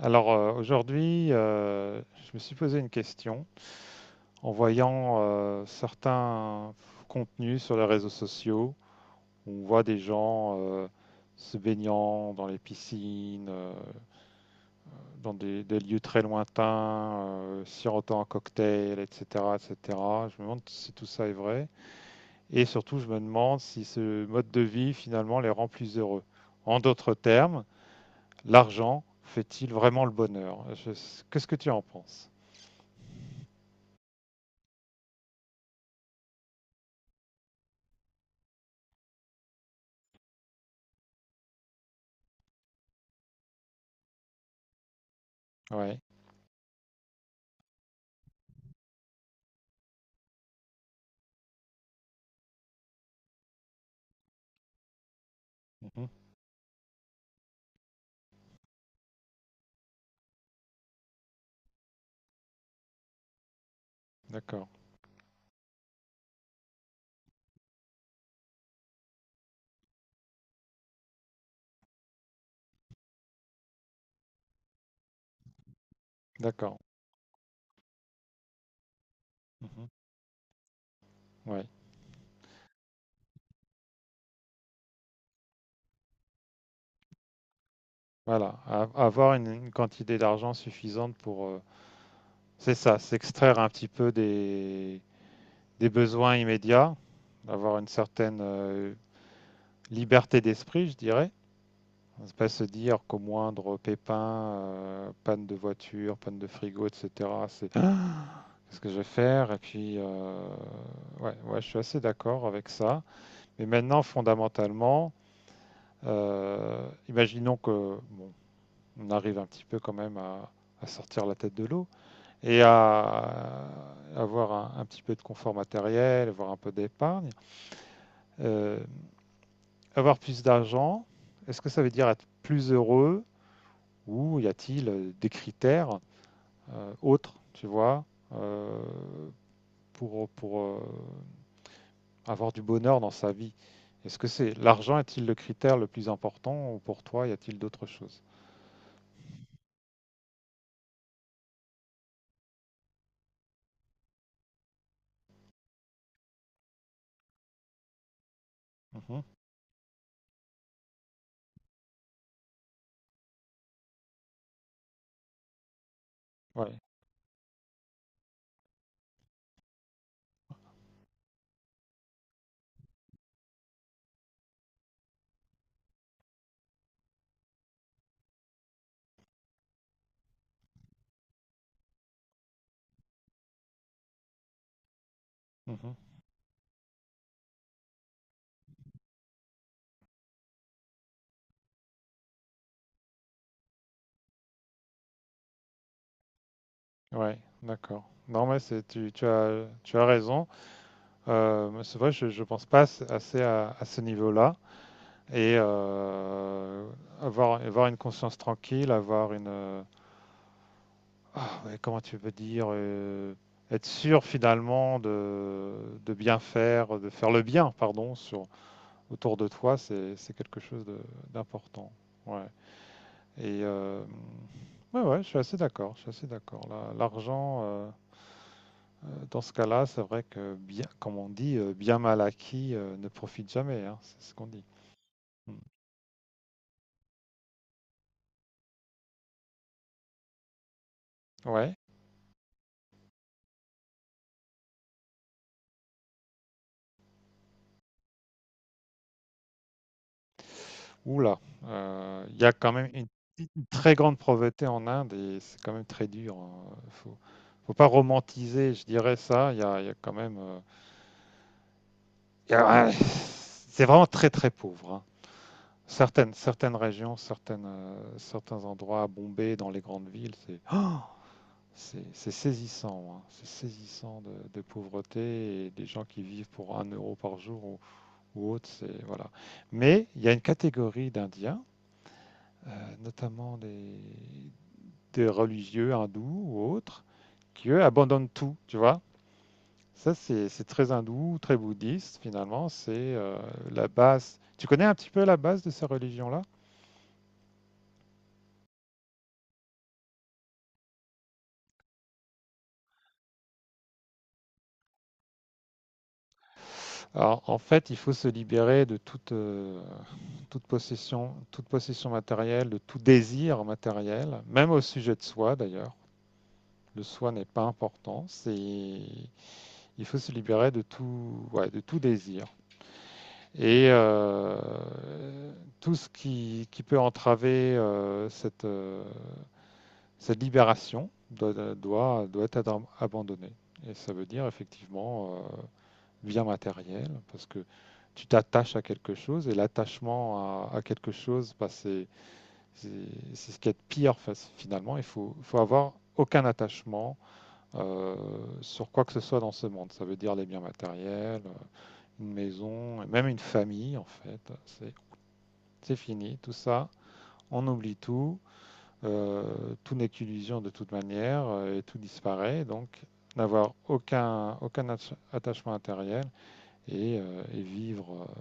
Alors, aujourd'hui, je me suis posé une question en voyant certains contenus sur les réseaux sociaux où on voit des gens se baignant dans les piscines, dans des lieux très lointains, sirotant un cocktail, etc., etc. Je me demande si tout ça est vrai et surtout je me demande si ce mode de vie finalement les rend plus heureux. En d'autres termes, l'argent fait-il vraiment le bonheur? Qu'est-ce que tu en penses? Ouais. Mhm. D'accord, d'accord. Mhm. Ouais, voilà. Avoir une quantité d'argent suffisante pour, c'est ça, s'extraire un petit peu des besoins immédiats, avoir une certaine liberté d'esprit, je dirais. On ne pas se dire qu'au moindre pépin, panne de voiture, panne de frigo, etc., c'est ah qu'est-ce que je vais faire? Et puis, ouais, ouais, je suis assez d'accord avec ça. Mais maintenant, fondamentalement, imaginons que, bon, on arrive un petit peu quand même à sortir la tête de l'eau et à avoir un petit peu de confort matériel, avoir un peu d'épargne, euh, avoir plus d'argent. Est-ce que ça veut dire être plus heureux ou y a-t-il des critères autres, tu vois, euh, pour avoir du bonheur dans sa vie? Est-ce que c'est l'argent est-il le critère le plus important ou pour toi y a-t-il d'autres choses? Mhm. Ouais. Mhm. Ouais, d'accord. Non, mais c'est tu, tu as raison. Mais c'est vrai, je pense pas assez à ce niveau-là et avoir une conscience tranquille, avoir une ah, ouais, comment tu peux dire être sûr finalement de bien faire, de faire le bien, pardon, sur autour de toi, c'est quelque chose d'important. Ouais. Et ouais, ouais, je suis assez d'accord. Je suis assez d'accord. L'argent. Dans ce cas-là, c'est vrai que bien, comme on dit, bien mal acquis ne profite jamais, hein, c'est ce qu'on dit. Mm. Ouais. Oula, il y a quand même une très grande pauvreté en Inde et c'est quand même très dur, hein. Faut pas romantiser, je dirais ça. Il y a quand même, ouais, c'est vraiment très très pauvre, hein. Certaines régions, certaines certains endroits, à Bombay, dans les grandes villes. C'est oh C'est saisissant, hein. C'est saisissant de pauvreté et des gens qui vivent pour 1 euro par jour ou autre, c'est voilà. Mais il y a une catégorie d'Indiens, notamment des religieux hindous ou autres, qui eux abandonnent tout, tu vois. Ça, c'est très hindou, très bouddhiste, finalement. C'est la base. Tu connais un petit peu la base de ces religions-là? Alors, en fait, il faut se libérer de toute possession, toute possession matérielle, de tout désir matériel, même au sujet de soi d'ailleurs. Le soi n'est pas important, c'est il faut se libérer de tout, ouais, de tout désir. Et tout ce qui peut entraver cette libération doit être abandonné. Et ça veut dire effectivement bien matériel, parce que tu t'attaches à quelque chose et l'attachement à quelque chose, bah, c'est ce qui est pire finalement. Il faut avoir aucun attachement euh, sur quoi que ce soit dans ce monde. Ça veut dire les biens matériels, une maison, et même une famille en fait. C'est fini, tout ça, on oublie tout, tout n'est qu'illusion de toute manière et tout disparaît. Donc n'avoir aucun attachement matériel et vivre. euh,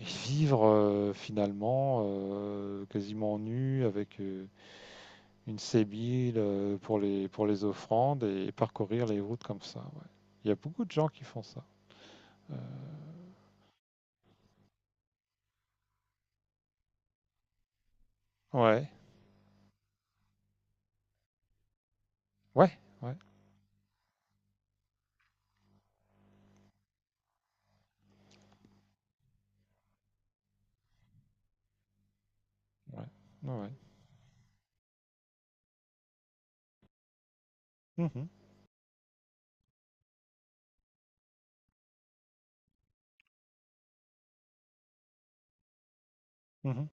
Et vivre euh, finalement quasiment nu avec une sébile pour les offrandes et, parcourir les routes comme ça, ouais. Il y a beaucoup de gens qui font ça. Euh, ouais, ouais, ouais, ouais, ouais, ouais. Mhm, mhm,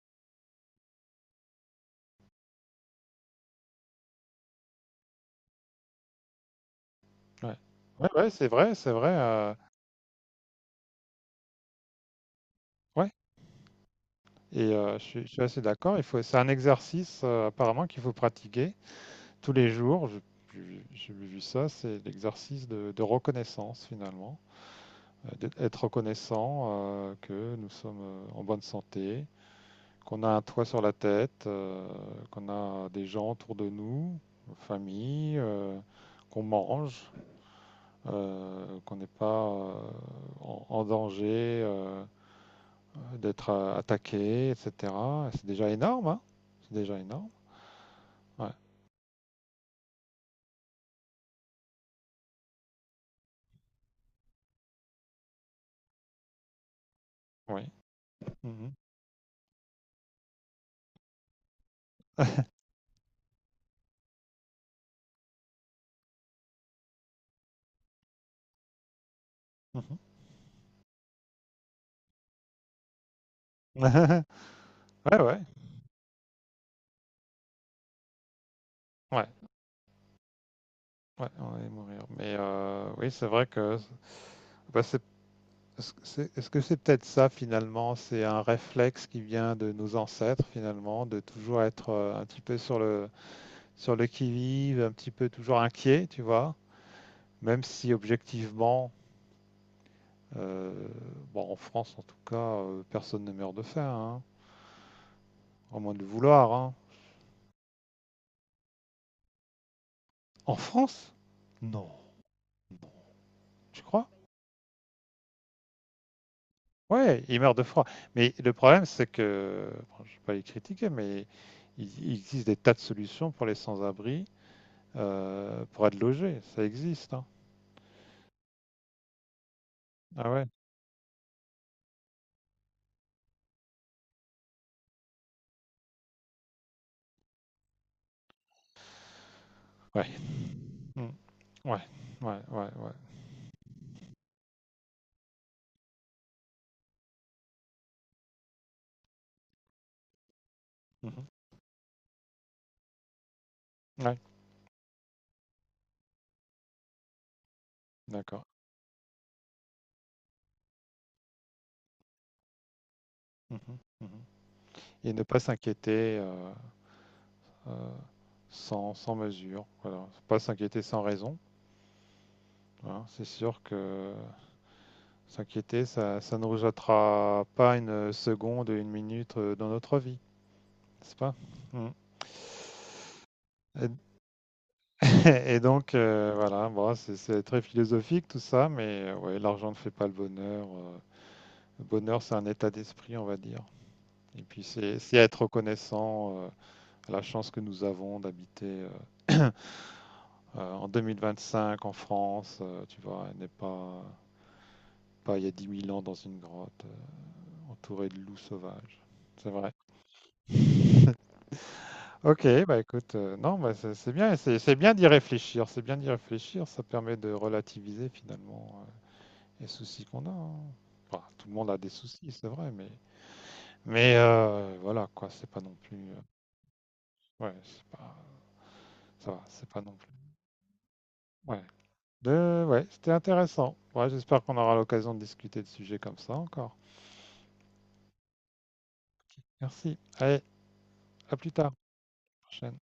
ouais. Ouais, ouais, c'est vrai, c'est vrai, ouais. Et je suis assez d'accord. Il faut, c'est un exercice apparemment qu'il faut pratiquer tous les jours. J'ai vu ça, c'est l'exercice de reconnaissance finalement. euh, D'être reconnaissant que nous sommes en bonne santé, qu'on a un toit sur la tête, qu'on a des gens autour de nous, famille, qu'on mange, qu'on n'est pas en danger d'être attaqué, etc. C'est déjà énorme, hein? C'est déjà énorme. Ouais, oui. Mhm. Mhm. Ouais, ouais, ouais, ouais, on va y mourir. Mais oui, c'est vrai que bah, c'est Est-ce que c'est peut-être ça finalement? C'est un réflexe qui vient de nos ancêtres finalement, de toujours être un petit peu sur le qui-vive, un petit peu toujours inquiet, tu vois? Même si objectivement, euh, bon, en France en tout cas, personne ne meurt de faim, hein, à moins de le vouloir, hein. En France? Non, non, tu crois? Ouais, ils meurent de froid. Mais le problème, c'est que, bon, je ne vais pas les critiquer, mais il existe des tas de solutions pour les sans-abri pour être logé. Ça existe, hein. Ah ouais. Ouais. Mm. Ouais. Ouais. Ouais. Ouais. Mhm. Ouais. D'accord. Mhm. Mhm. Et ne pas s'inquiéter euh, sans mesure. Voilà. Faut pas s'inquiéter sans raison, hein. C'est sûr que s'inquiéter, ça ne nous jettera pas une seconde, une minute dans notre vie, n'est-ce pas? Mm. Et donc, voilà, bon, c'est très philosophique tout ça, mais ouais, l'argent ne fait pas le bonheur, le bonheur, c'est un état d'esprit, on va dire. Et puis c'est être reconnaissant, à la chance que nous avons d'habiterheu, en 2025 en France, tu vois? Et n'est pas il y a 10 000 ans dans une grotte, entouré de loups sauvages. C'est vrai. OK, bah, écoute, non, bah, c'est bien, c'est bien d'y réfléchir, c'est bien d'y réfléchir, ça permet de relativiser finalement, les soucis qu'on a, hein. Enfin, tout le monde a des soucis, c'est vrai, mais voilà quoi, c'est pas non plus. Ouais, c'est pas ça va, c'est pas non plus. Ouais, ouais, c'était intéressant. Ouais, j'espère qu'on aura l'occasion de discuter de sujets comme ça encore. Merci. Allez, à plus tard. Prochaine.